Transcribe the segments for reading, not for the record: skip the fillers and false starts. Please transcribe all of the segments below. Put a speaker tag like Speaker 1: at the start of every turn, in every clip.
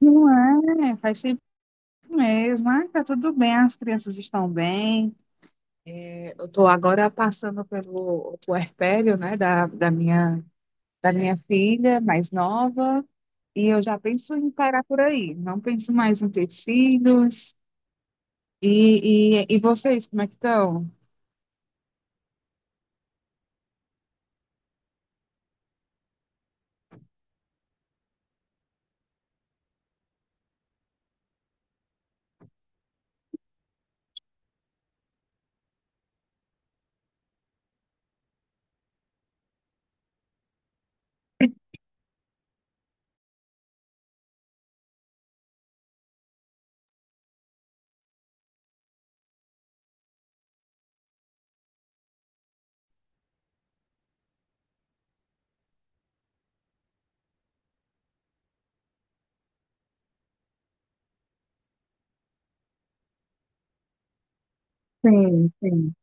Speaker 1: Não é, faz tempo mesmo. Ah, tá tudo bem, as crianças estão bem. É, eu tô agora passando pelo puerpério, né, da minha filha mais nova, e eu já penso em parar por aí. Não penso mais em ter filhos. E vocês, como é que estão? Sim, sim.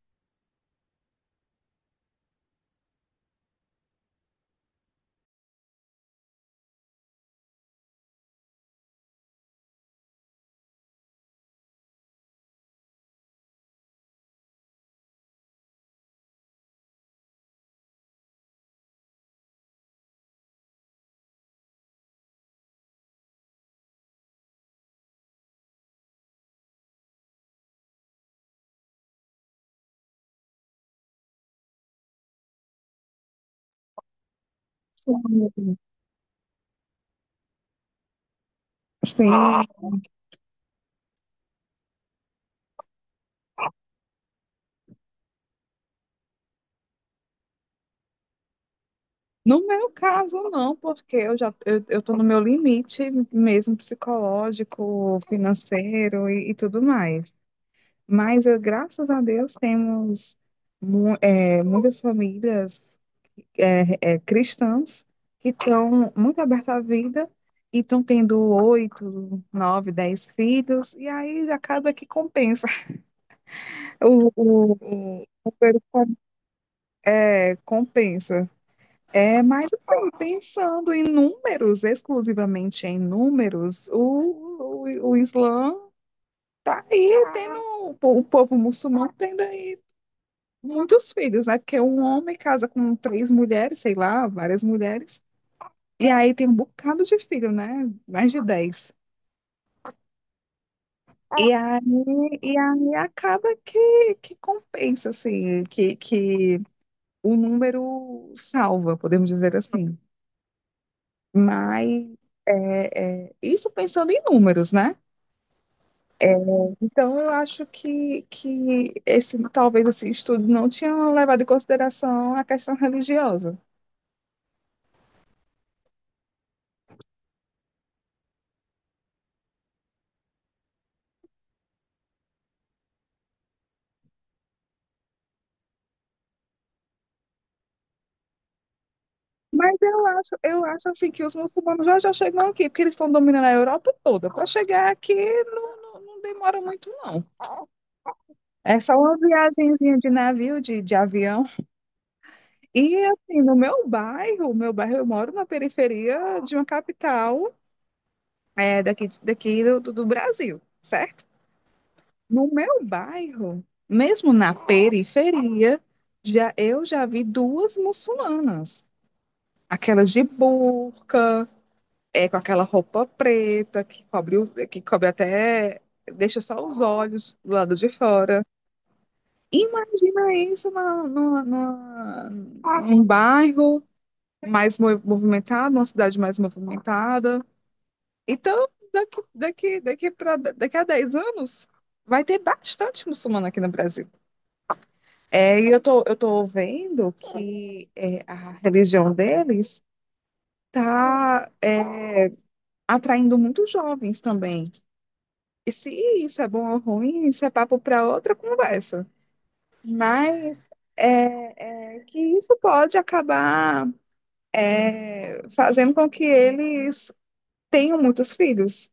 Speaker 1: Sim. Sim. No meu caso, não, porque eu tô no meu limite mesmo psicológico, financeiro e, tudo mais. Mas, graças a Deus, temos muitas famílias cristãs que estão muito abertas à vida e estão tendo oito, nove, 10 filhos, e aí acaba que compensa. O, o número com- eh, compensa. É, mas, assim, pensando em números, exclusivamente em números, o Islã está aí, o povo muçulmano tendo muitos filhos, né? Porque um homem casa com três mulheres, sei lá, várias mulheres, e aí tem um bocado de filho, né? Mais de 10. E aí, e aí acaba que compensa, assim, que o número salva, podemos dizer assim. Mas isso pensando em números, né? Então eu acho que esse talvez esse estudo não tinha levado em consideração a questão religiosa. Mas eu acho assim que os muçulmanos já chegam aqui, porque eles estão dominando a Europa toda. Para chegar aqui não demora muito, não. É só uma viagenzinha de navio, de avião. E assim, no meu bairro eu moro na periferia de uma capital daqui, do Brasil, certo? No meu bairro, mesmo na periferia, já eu já vi duas muçulmanas, aquelas de burca com aquela roupa preta que cobre, que cobre até, deixa só os olhos do lado de fora. Imagina isso num bairro mais movimentado, numa cidade mais movimentada. Então, daqui a 10 anos, vai ter bastante muçulmano aqui no Brasil. É, e eu tô vendo a religião deles está atraindo muitos jovens também. E se isso é bom ou ruim, isso é papo para outra conversa. Mas é que isso pode acabar fazendo com que eles tenham muitos filhos.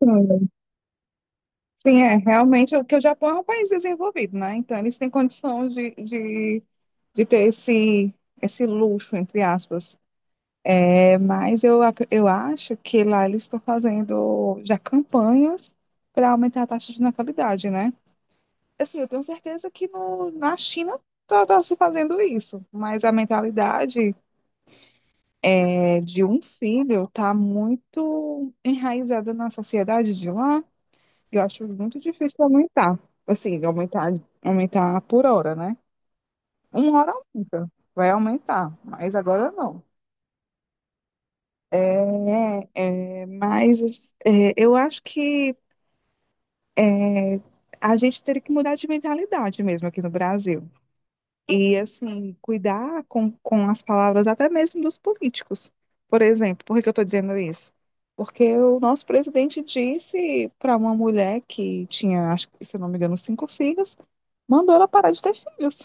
Speaker 1: Sim, sim, é, realmente, o Japão é um país desenvolvido, né? Então, eles têm condição de ter esse luxo, entre aspas. É, mas eu acho que lá eles estão fazendo já campanhas para aumentar a taxa de natalidade, né? Assim, eu tenho certeza que no, na China tá se fazendo isso, mas a mentalidade de um filho tá muito enraizada na sociedade de lá. Eu acho muito difícil aumentar, assim, aumentar por hora, né? Uma hora aumenta, vai aumentar, mas agora não. Mas eu acho é, a gente teria que mudar de mentalidade mesmo aqui no Brasil. E, assim, cuidar com as palavras até mesmo dos políticos. Por exemplo, por que que eu estou dizendo isso? Porque o nosso presidente disse para uma mulher que tinha, acho que, se eu não me engano, cinco filhos, mandou ela parar de ter filhos.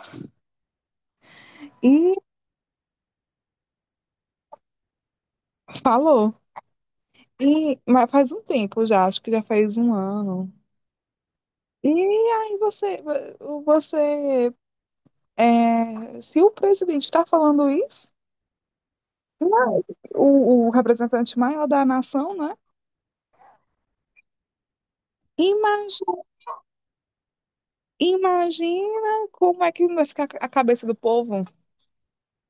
Speaker 1: E falou. E, mas faz um tempo já, acho que já faz um ano. E aí você, você, é, Se o presidente está falando isso, o representante maior da nação, né? Imagina Imagina como é que não vai ficar a cabeça do povo.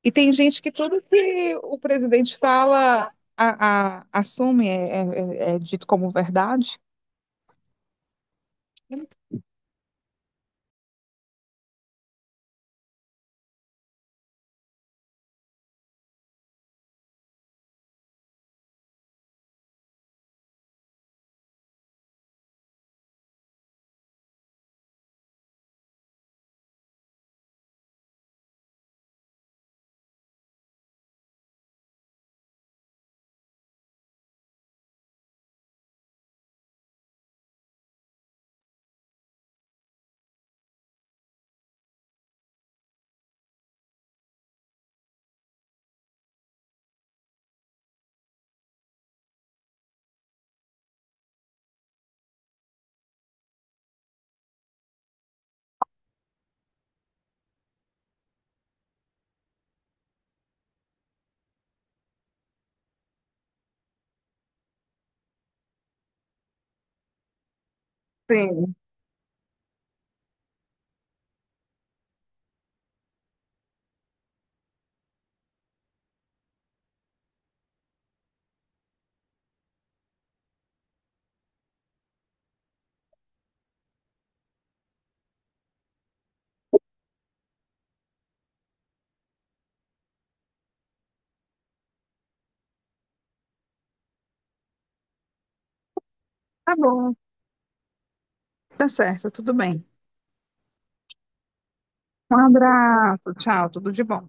Speaker 1: E tem gente que tudo que o presidente fala, assume, é dito como verdade. Sim, tá bom, tá certo, tudo bem. Um abraço, tchau, tudo de bom.